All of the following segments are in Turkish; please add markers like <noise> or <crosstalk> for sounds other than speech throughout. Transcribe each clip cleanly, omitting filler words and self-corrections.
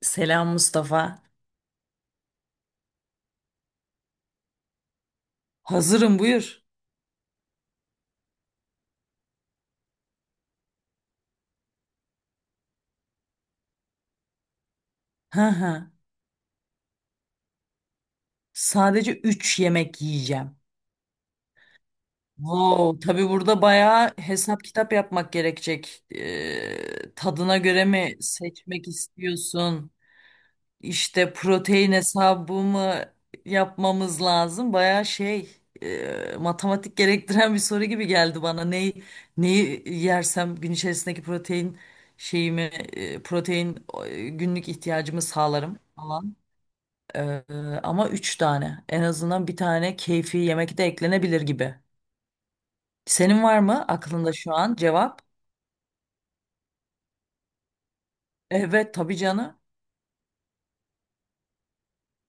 Selam Mustafa. Hazırım, buyur. Hı hı. Sadece 3 yemek yiyeceğim. Wow, tabii burada bayağı hesap kitap yapmak gerekecek. Tadına göre mi seçmek istiyorsun? İşte protein hesabı mı yapmamız lazım? Bayağı şey, matematik gerektiren bir soru gibi geldi bana. Neyi yersem gün içerisindeki protein şeyimi, protein günlük ihtiyacımı sağlarım falan. Ee, ama üç tane. En azından bir tane keyfi yemek de eklenebilir gibi. Senin var mı aklında şu an cevap? Evet tabii canım.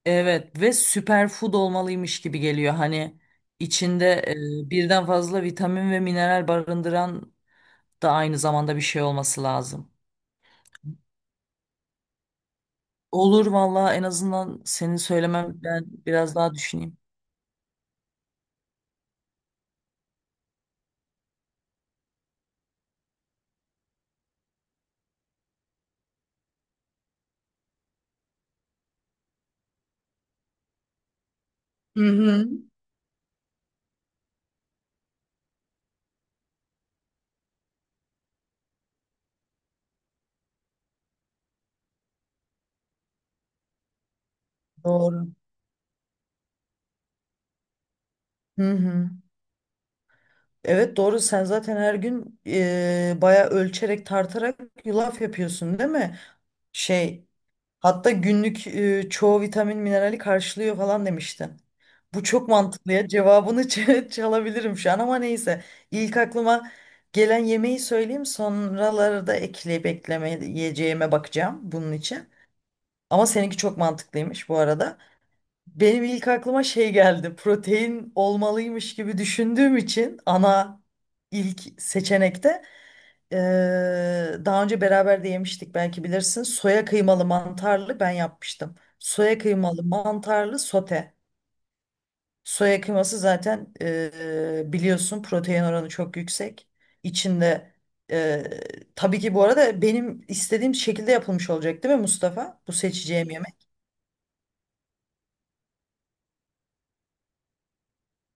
Evet ve süperfood olmalıymış gibi geliyor. Hani içinde birden fazla vitamin ve mineral barındıran da aynı zamanda bir şey olması lazım. Olur valla, en azından senin söylemem ben biraz daha düşüneyim. Doğru. Hı hı. Evet doğru, sen zaten her gün bayağı ölçerek tartarak yulaf yapıyorsun değil mi? Şey, hatta günlük çoğu vitamin minerali karşılıyor falan demiştin. Bu çok mantıklı ya. Cevabını ç- <laughs> çalabilirim şu an ama neyse. İlk aklıma gelen yemeği söyleyeyim. Sonraları da ekleyip eklemeyeceğime bakacağım bunun için. Ama seninki çok mantıklıymış bu arada. Benim ilk aklıma şey geldi. Protein olmalıymış gibi düşündüğüm için ana ilk seçenekte. Daha önce beraber de yemiştik, belki bilirsin. Soya kıymalı mantarlı ben yapmıştım. Soya kıymalı mantarlı sote. Soya kıyması zaten biliyorsun protein oranı çok yüksek. İçinde eee, tabii ki bu arada benim istediğim şekilde yapılmış olacak değil mi Mustafa? Bu seçeceğim yemek.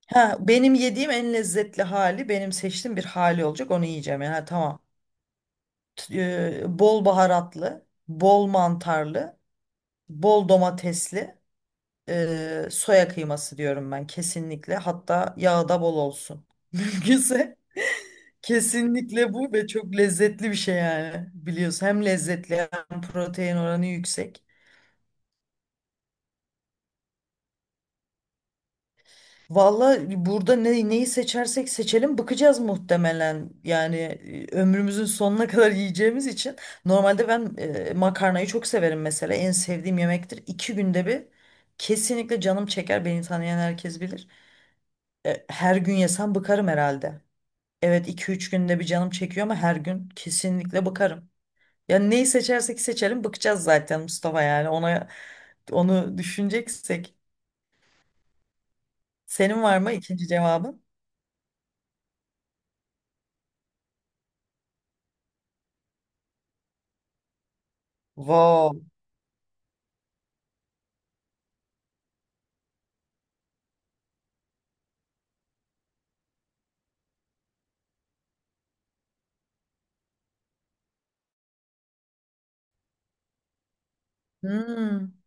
Ha, benim yediğim en lezzetli hali, benim seçtiğim bir hali olacak, onu yiyeceğim. Yani, ha, tamam. Bol baharatlı, bol mantarlı, bol domatesli. Soya kıyması diyorum ben kesinlikle. Hatta yağı da bol olsun. <laughs> Mümkünse kesinlikle bu, ve çok lezzetli bir şey yani. Biliyorsun hem lezzetli hem protein oranı yüksek. Valla burada neyi seçersek seçelim bıkacağız muhtemelen. Yani ömrümüzün sonuna <laughs> kadar yiyeceğimiz için. Normalde ben makarnayı çok severim mesela. En sevdiğim yemektir. İki günde bir kesinlikle canım çeker. Beni tanıyan herkes bilir. Her gün yesem bıkarım herhalde. Evet, iki üç günde bir canım çekiyor ama her gün kesinlikle bakarım. Yani neyi seçersek seçelim bakacağız zaten Mustafa, yani ona onu düşüneceksek. Senin var mı ikinci cevabın? Wow. Hmm.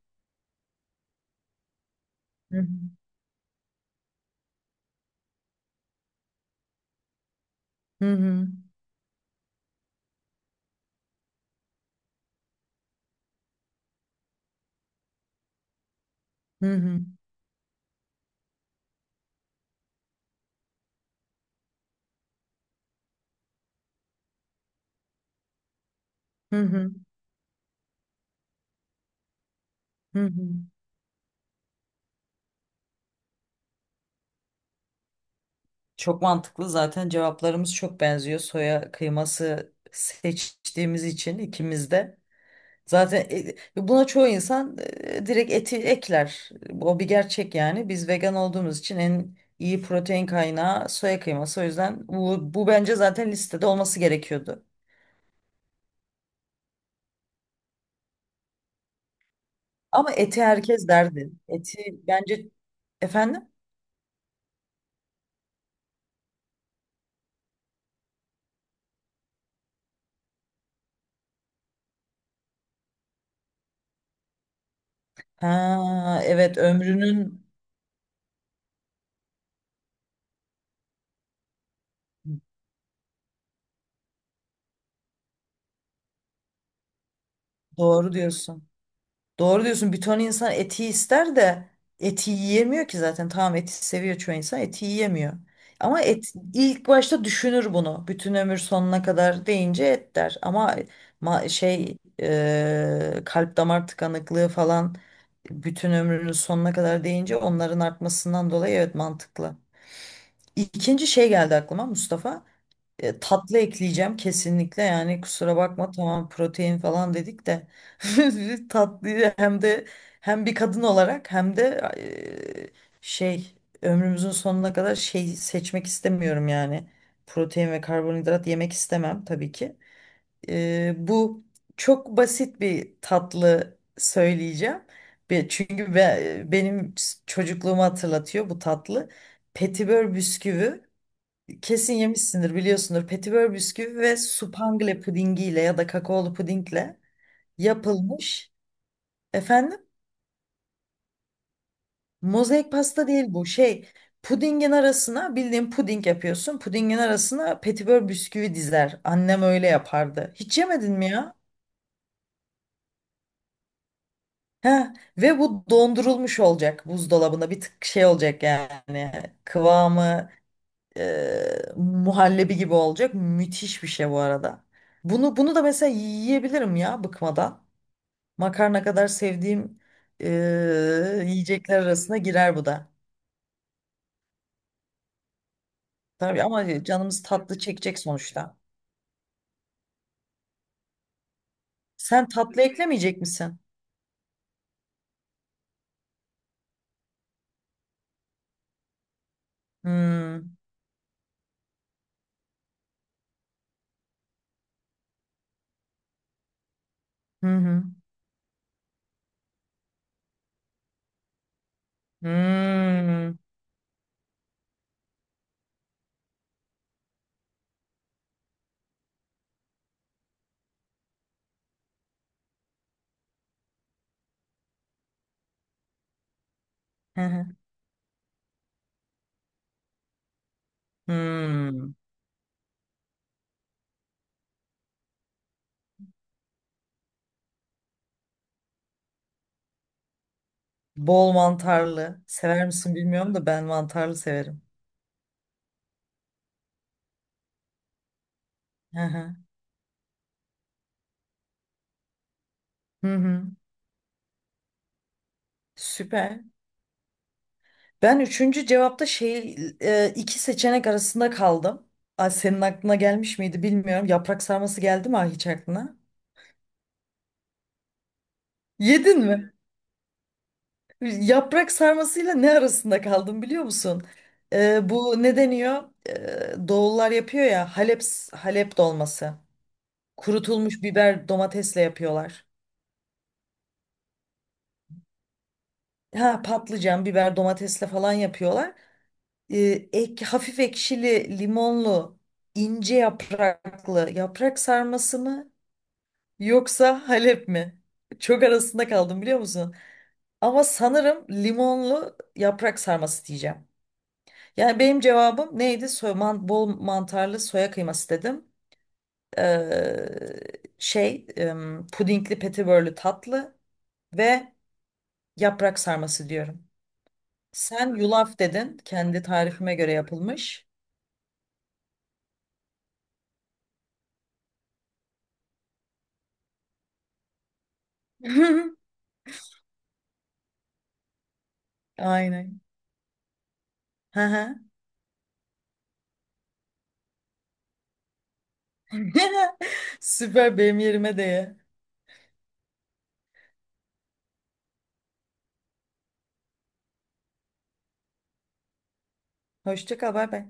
Hı hı. Hı hı. Hı hı. Hı hı. Hı hı. Çok mantıklı, zaten cevaplarımız çok benziyor. Soya kıyması seçtiğimiz için ikimiz de. Zaten buna çoğu insan direkt eti ekler. O bir gerçek yani. Biz vegan olduğumuz için en iyi protein kaynağı soya kıyması. O yüzden bu bence zaten listede olması gerekiyordu. Ama eti herkes derdi. Eti bence, efendim? Ha, evet, ömrünün, doğru diyorsun. Doğru diyorsun. Bir ton insan eti ister de eti yiyemiyor ki zaten. Tamam, eti seviyor çoğu insan, eti yiyemiyor. Ama et ilk başta düşünür bunu. Bütün ömür sonuna kadar deyince et der. Ama kalp damar tıkanıklığı falan, bütün ömrünün sonuna kadar deyince onların artmasından dolayı, evet, mantıklı. İkinci şey geldi aklıma Mustafa. Tatlı ekleyeceğim kesinlikle, yani kusura bakma, tamam protein falan dedik de <laughs> tatlıyı hem de, hem bir kadın olarak hem de e, şey ömrümüzün sonuna kadar şey seçmek istemiyorum yani, protein ve karbonhidrat yemek istemem tabii ki. Bu çok basit bir tatlı söyleyeceğim. Çünkü benim çocukluğumu hatırlatıyor bu tatlı. Petibör bisküvi. Kesin yemişsindir, biliyorsundur. Petibör bisküvi ve supangle pudingiyle ya da kakaolu pudingle yapılmış. Efendim? Mozaik pasta değil bu. Şey, pudingin arasına bildiğin puding yapıyorsun. Pudingin arasına petibör bisküvi dizer. Annem öyle yapardı. Hiç yemedin mi ya? Heh. Ve bu dondurulmuş olacak buzdolabında. Bir tık şey olacak yani. Kıvamı muhallebi gibi olacak. Müthiş bir şey bu arada. Bunu da mesela yiyebilirim ya bıkmadan. Makarna kadar sevdiğim e, yiyecekler arasına girer bu da. Tabii ama canımız tatlı çekecek sonuçta. Sen tatlı eklemeyecek misin? Hmm. Hı hı. Hmm. Hı hı. Hmm. Bol mantarlı. Sever misin bilmiyorum da ben mantarlı severim. Hı hı. Hı hı. Süper. Ben üçüncü cevapta şey, iki seçenek arasında kaldım. Ay, senin aklına gelmiş miydi bilmiyorum. Yaprak sarması geldi mi hiç aklına? Yedin mi? Yaprak sarmasıyla ne arasında kaldım biliyor musun? Bu ne deniyor? Doğullar yapıyor ya, Halep dolması. Kurutulmuş biber domatesle yapıyorlar. Ha, patlıcan, biber domatesle falan yapıyorlar. Hafif ekşili, limonlu, ince yapraklı yaprak sarması mı yoksa Halep mi? Çok arasında kaldım biliyor musun? Ama sanırım limonlu yaprak sarması diyeceğim. Yani benim cevabım neydi? Bol mantarlı soya kıyması dedim. Ee, pudingli petibörlü tatlı ve yaprak sarması diyorum. Sen yulaf dedin. Kendi tarifime göre yapılmış. <laughs> Aynen. Hı hı. <laughs> Süper, benim yerime de ye. Hoşça kal, bay bay.